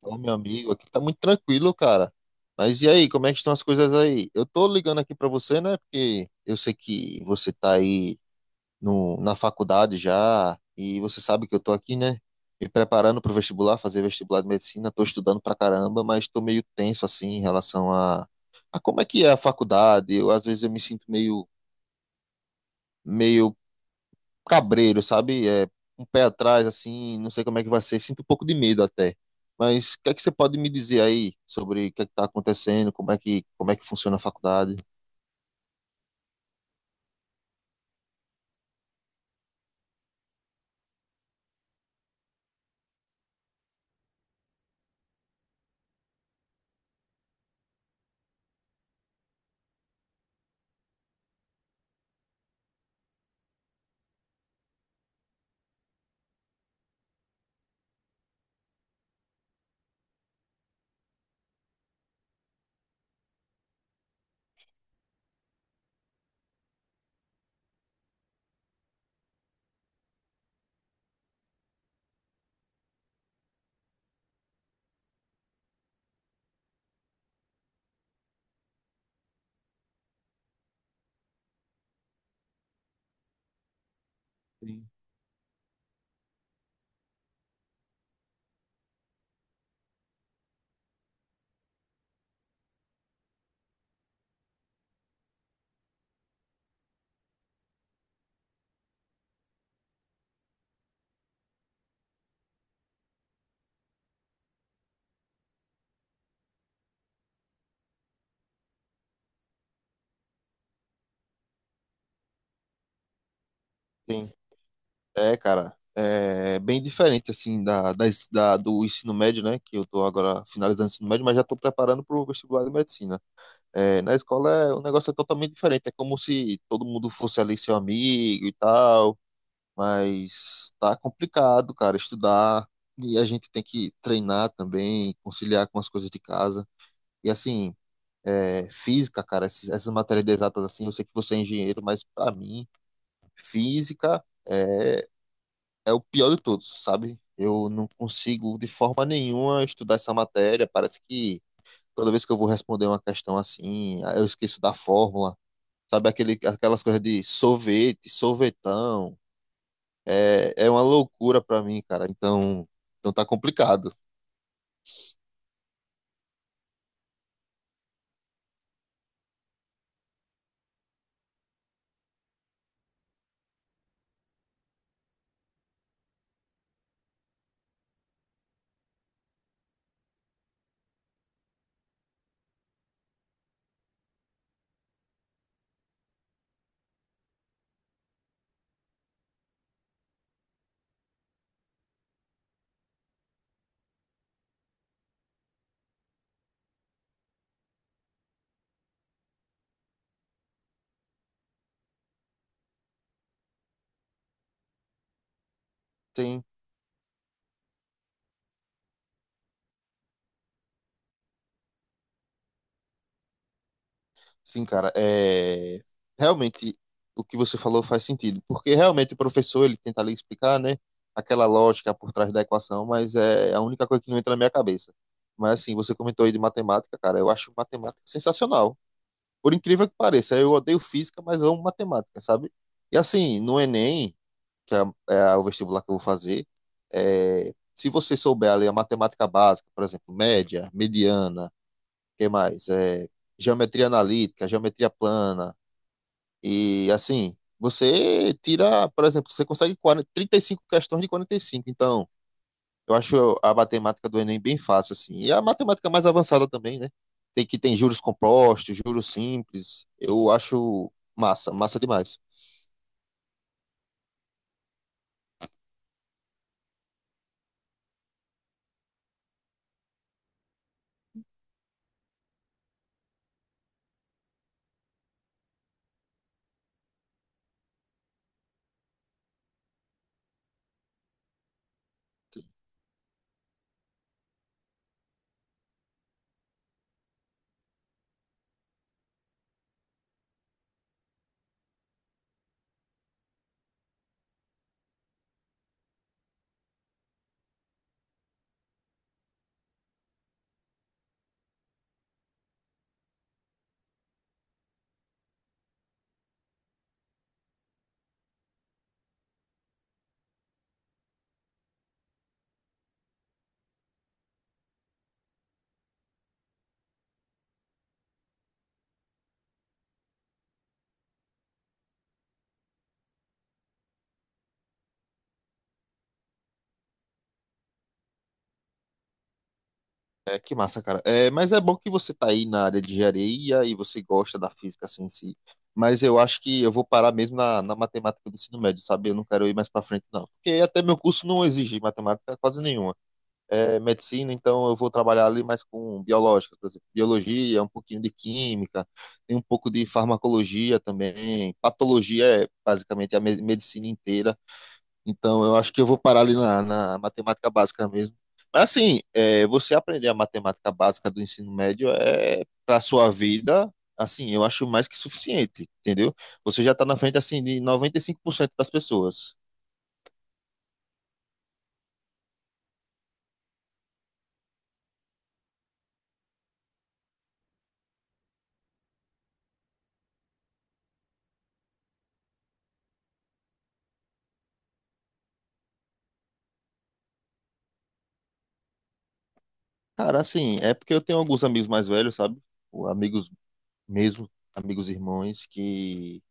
Ô, meu amigo, aqui tá muito tranquilo, cara. Mas e aí, como é que estão as coisas aí? Eu tô ligando aqui pra você, né? Porque eu sei que você tá aí no, na faculdade já, e você sabe que eu tô aqui, né? Me preparando pro vestibular, fazer vestibular de medicina. Tô estudando pra caramba, mas tô meio tenso, assim, em relação a como é que é a faculdade. Às vezes eu me sinto meio, meio cabreiro, sabe? Um pé atrás, assim, não sei como é que vai ser, sinto um pouco de medo até. Mas o que é que você pode me dizer aí sobre o que é que tá acontecendo, como é que funciona a faculdade? Sim. Sim. É, cara, é bem diferente, assim, do ensino médio, né? Que eu tô agora finalizando o ensino médio, mas já tô preparando pro vestibular de medicina. É, na escola é, o negócio é totalmente diferente, é como se todo mundo fosse ali seu amigo e tal. Mas tá complicado, cara, estudar. E a gente tem que treinar também, conciliar com as coisas de casa. E assim, é, física, cara, essas matérias de exatas assim, eu sei que você é engenheiro, mas pra mim, física é, é o pior de todos, sabe? Eu não consigo de forma nenhuma estudar essa matéria. Parece que toda vez que eu vou responder uma questão assim, eu esqueço da fórmula. Sabe aquelas coisas de sorvete, sorvetão. É, é uma loucura pra mim, cara. Então tá complicado. Tem, sim, cara. É, realmente o que você falou faz sentido, porque realmente o professor ele tenta ali explicar, né, aquela lógica por trás da equação, mas é a única coisa que não entra na minha cabeça. Mas assim, você comentou aí de matemática, cara. Eu acho matemática sensacional. Por incrível que pareça, eu odeio física, mas amo matemática, sabe? E assim, no Enem que é, é o vestibular que eu vou fazer, é, se você souber ali a matemática básica, por exemplo, média, mediana, que mais? É, geometria analítica, geometria plana, e assim, você tira, por exemplo, você consegue 40, 35 questões de 45. Então, eu acho a matemática do Enem bem fácil, assim. E a matemática mais avançada também, né? Tem que tem juros compostos, juros simples. Eu acho massa, massa demais. É, que massa, cara. É, mas é bom que você tá aí na área de engenharia e você gosta da física assim, em si. Mas eu acho que eu vou parar mesmo na, na matemática do ensino médio, sabe? Eu não quero ir mais pra frente, não. Porque até meu curso não exige matemática quase nenhuma. É medicina, então eu vou trabalhar ali mais com biológicas, por exemplo. Biologia, um pouquinho de química, tem um pouco de farmacologia também. Patologia é basicamente a medicina inteira. Então, eu acho que eu vou parar ali na, na matemática básica mesmo. Mas, assim, é, você aprender a matemática básica do ensino médio é para sua vida, assim, eu acho mais que suficiente, entendeu? Você já está na frente, assim, de 95% das pessoas. Cara, assim, é porque eu tenho alguns amigos mais velhos, sabe? Ou Amigos mesmo, amigos irmãos,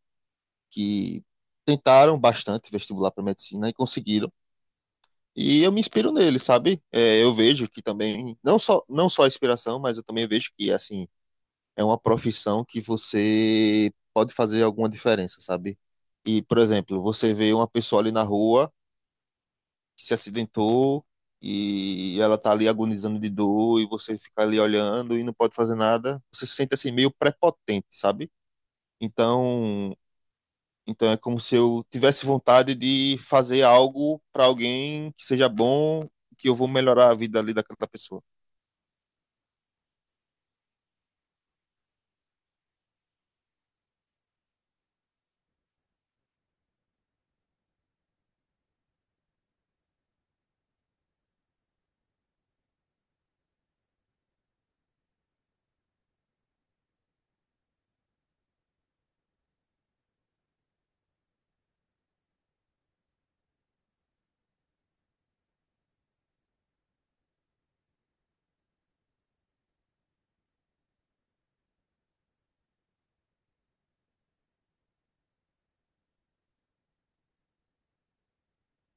que tentaram bastante vestibular para medicina e conseguiram. E eu me inspiro nele, sabe? É, eu vejo que também, não só a inspiração, mas eu também vejo que, assim, é uma profissão que você pode fazer alguma diferença, sabe? E, por exemplo, você vê uma pessoa ali na rua que se acidentou e ela tá ali agonizando de dor e você fica ali olhando e não pode fazer nada, você se sente assim meio prepotente, sabe? Então, então é como se eu tivesse vontade de fazer algo para alguém que seja bom, que eu vou melhorar a vida ali daquela pessoa.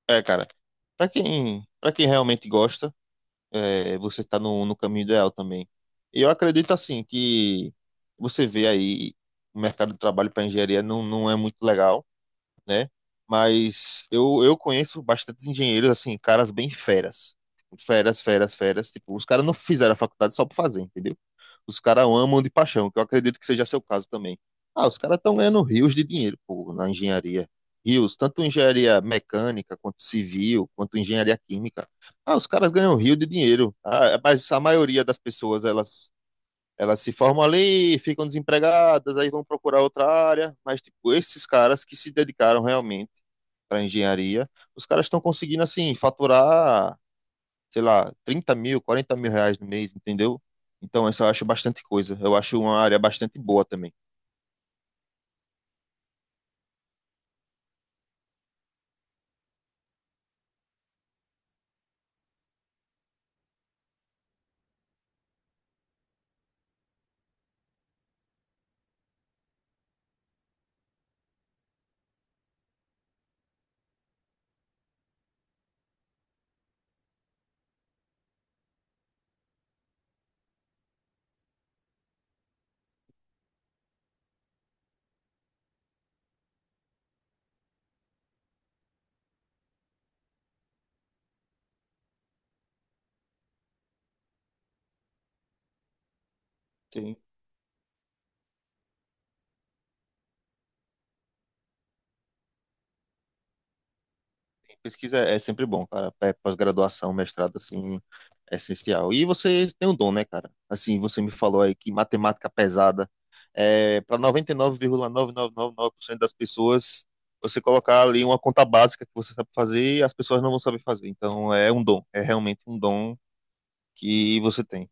É, cara, para quem realmente gosta, é, você tá no, no caminho ideal também. E eu acredito assim que você vê aí o mercado de trabalho para engenharia não, não é muito legal, né? Mas eu conheço bastantes engenheiros assim, caras bem feras. Tipo, Feras, feras, feras, tipo, os caras não fizeram a faculdade só por fazer, entendeu? Os caras amam de paixão, que eu acredito que seja seu caso também. Ah, os caras estão ganhando rios de dinheiro, pô, na engenharia. Rios, tanto engenharia mecânica, quanto civil, quanto engenharia química. Ah, os caras ganham rio de dinheiro. Ah, mas a maioria das pessoas, elas se formam ali, ficam desempregadas, aí vão procurar outra área. Mas, tipo, esses caras que se dedicaram realmente para engenharia, os caras estão conseguindo, assim, faturar sei lá, 30.000, 40.000 reais no mês, entendeu? Então, essa eu acho bastante coisa. Eu acho uma área bastante boa também. Tem- tem Pesquisa é sempre bom, cara. É pós-graduação, mestrado, assim, é essencial. E você tem um dom, né, cara? Assim, você me falou aí que matemática pesada é para 99,9999% das pessoas, você colocar ali uma conta básica que você sabe fazer e as pessoas não vão saber fazer. Então, é um dom. É realmente um dom que você tem.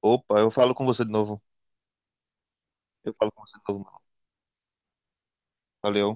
Opa, eu falo com você de novo. Eu falo com você de novo, mano. Valeu.